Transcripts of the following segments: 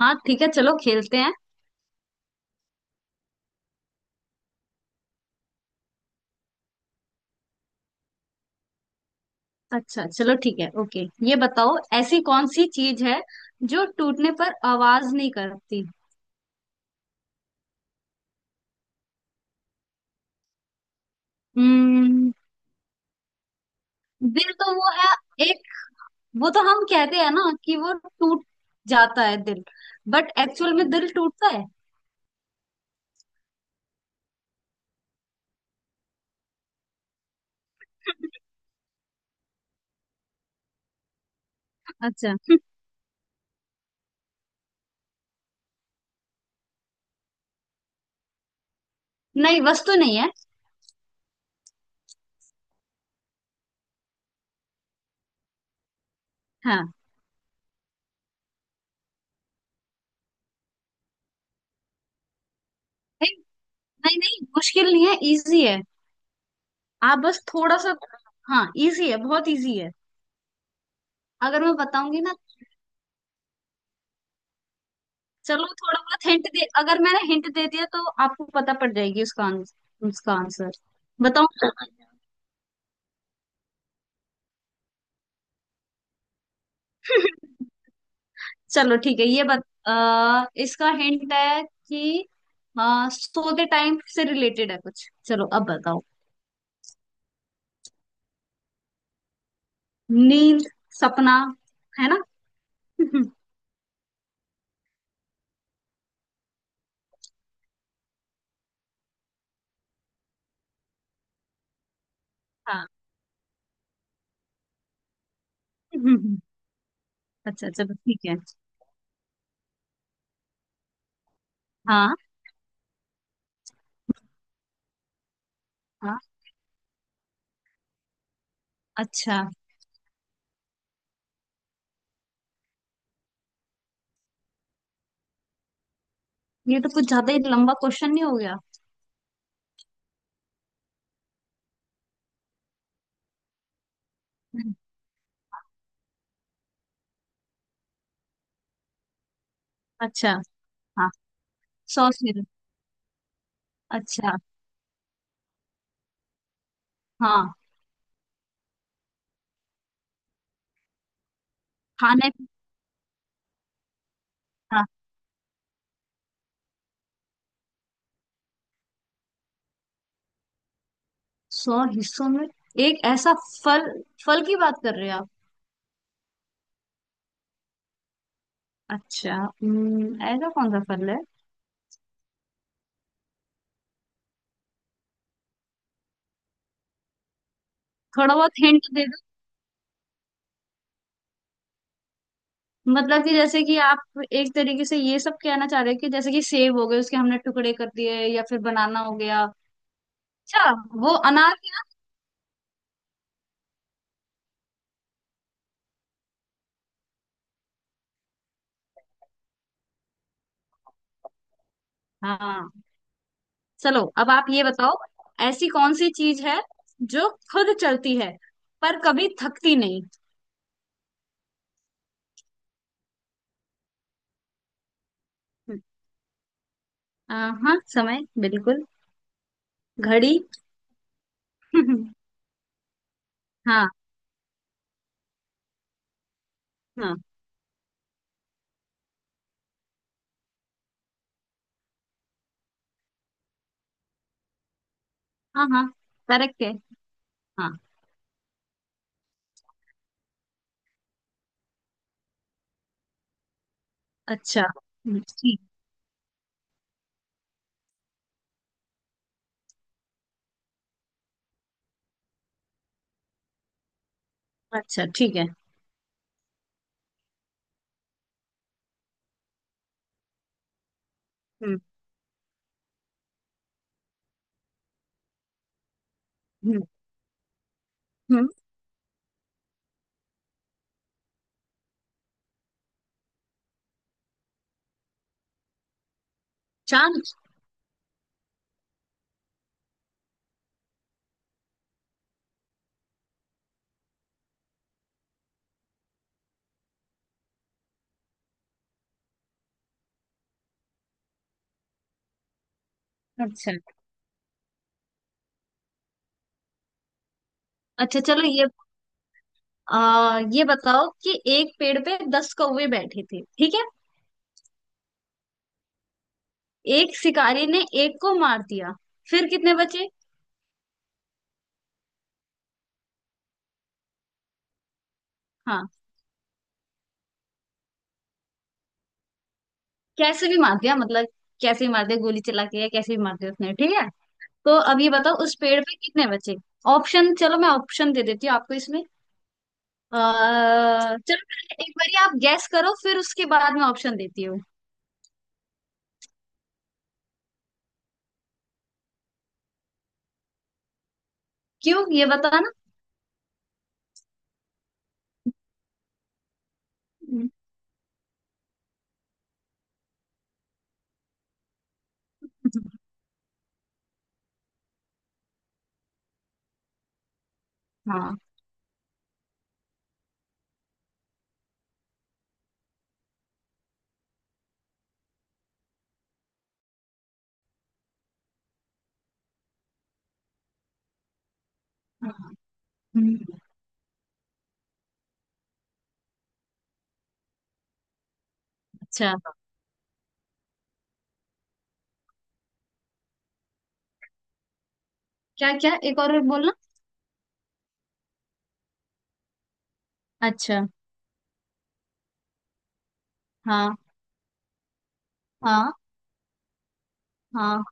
हाँ, ठीक है। चलो खेलते हैं। अच्छा चलो ठीक है। ओके। ये बताओ, ऐसी कौन सी चीज है जो टूटने पर आवाज नहीं करती। हम्म। दिल तो वो है। एक, वो तो हम कहते हैं ना कि वो टूट जाता है दिल। बट एक्चुअल में दिल टूटता है। अच्छा। नहीं, वस्तु नहीं है। हाँ। नहीं नहीं नहीं, मुश्किल नहीं है, इजी है। आप बस थोड़ा सा। हाँ, इजी है, बहुत इजी है। अगर मैं बताऊंगी ना, चलो थोड़ा बहुत हिंट दे। अगर मैंने हिंट दे दिया तो आपको पता पड़ जाएगी उसका आंसर, उसका आंसर बताओ। चलो ठीक है इसका हिंट है कि सोते टाइम से रिलेटेड है कुछ, चलो अब बताओ। नींद। सपना, है ना? हाँ। अच्छा चलो ठीक है। हाँ हाँ। अच्छा, ये तो कुछ ज्यादा ही लंबा क्वेश्चन नहीं हो गया? हम्म। अच्छा। हाँ। सौ सिर। अच्छा। हाँ। खाने। हाँ। सौ हिस्सों में। एक ऐसा फल। फल की बात कर रहे हो आप? अच्छा, ऐसा कौन सा फल है? थोड़ा बहुत हिंट दे दो। मतलब कि जैसे कि आप एक तरीके से ये सब कहना चाह रहे हो, कि जैसे कि सेब हो गए, उसके हमने टुकड़े कर दिए, या फिर बनाना हो गया। अच्छा। वो अनार है ना? हाँ। चलो अब आप ये बताओ, ऐसी कौन सी चीज है जो खुद चलती है पर कभी थकती नहीं। हम्म, आ, हाँ समय, बिल्कुल। घड़ी। हाँ। हाँ। हाँ। हाँ, करेक्ट है। हाँ। अच्छा, ठीक। अच्छा ठीक है। हम्म। हम्म। हम्म, चांद। अच्छा। अच्छा चलो ये ये बताओ कि एक पेड़ पे दस कौवे बैठे थे, ठीक है। एक शिकारी ने एक को मार दिया, फिर कितने बचे? हाँ। कैसे भी मार दिया मतलब, कैसे भी मार दिया गोली चला के या कैसे भी मार दिया उसने, ठीक है। तो अब ये बताओ उस पेड़ पे कितने बचे? ऑप्शन, चलो मैं ऑप्शन दे देती हूँ आपको इसमें। चलो पहले एक बार आप गैस करो फिर उसके बाद में ऑप्शन देती हूँ। क्यों, ये बताना। हाँ। हाँ, हम्म, अच्छा। क्या क्या, एक और बोलना। अच्छा। हाँ। हाँ। हाँ,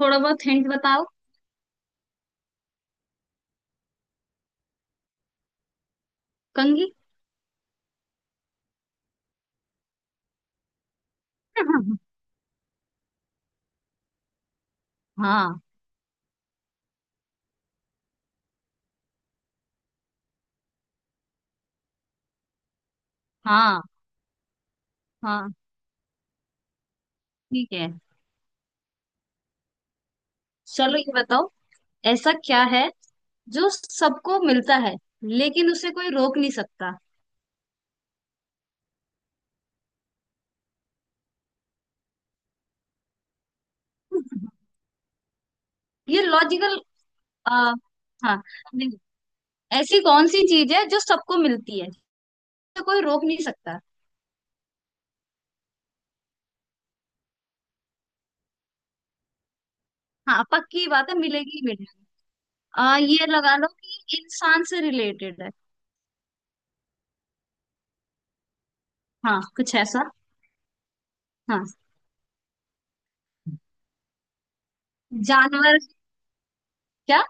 थोड़ा बहुत हिंट बताओ। कंघी। हाँ हाँ। हाँ ठीक है। चलो ये बताओ, ऐसा क्या है जो सबको मिलता है लेकिन उसे कोई रोक नहीं सकता? ये लॉजिकल। आ, हाँ। नहीं। ऐसी कौन सी चीज है जो सबको मिलती है, जिसे कोई रोक नहीं सकता? हाँ, पक्की बात है, मिलेगी ही मिलेगी। ये लगा लो कि इंसान से रिलेटेड है। हाँ, कुछ ऐसा। हाँ। जानवर। क्या?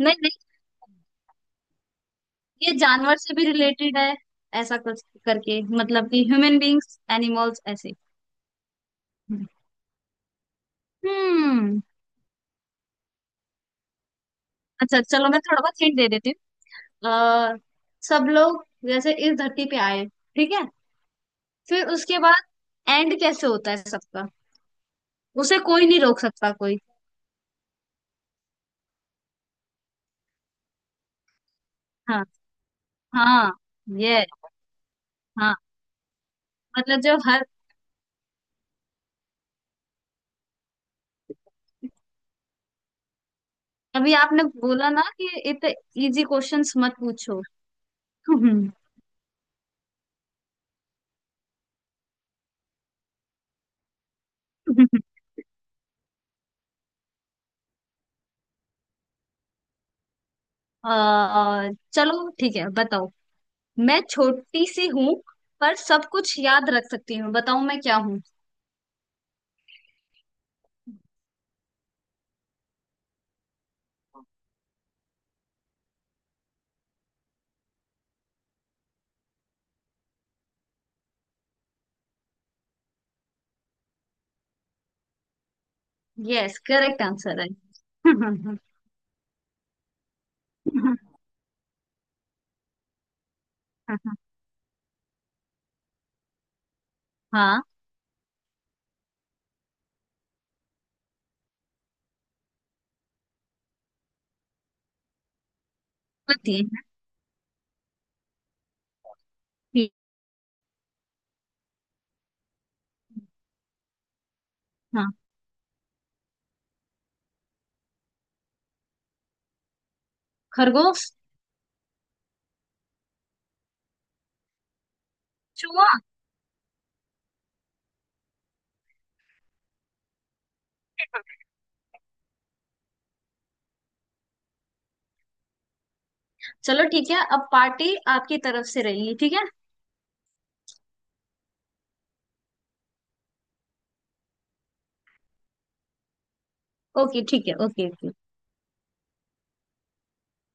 नहीं नहीं, ये जानवर से भी रिलेटेड है। ऐसा कुछ करके, मतलब कि ह्यूमन बींग्स, एनिमल्स, ऐसे। हम्म। अच्छा चलो मैं थोड़ा बहुत हिंट दे देती हूँ। सब लोग जैसे इस धरती पे आए, ठीक है। फिर उसके बाद एंड कैसे होता है सबका? उसे कोई नहीं रोक सकता, कोई। हाँ। हाँ। ये। हाँ, मतलब जो हर। अभी आपने बोला ना कि इतने इजी क्वेश्चंस मत पूछो। चलो ठीक है बताओ। मैं छोटी सी हूँ पर सब कुछ याद रख सकती हूँ, बताओ मैं क्या हूँ? यस, करेक्ट आंसर है। हाँ। बताइए। ठीक। हाँ। खरगोश। चूहा। चलो ठीक है, अब पार्टी आपकी तरफ से रहेगी, ठीक है। ओके ठीक है, ओके ओके।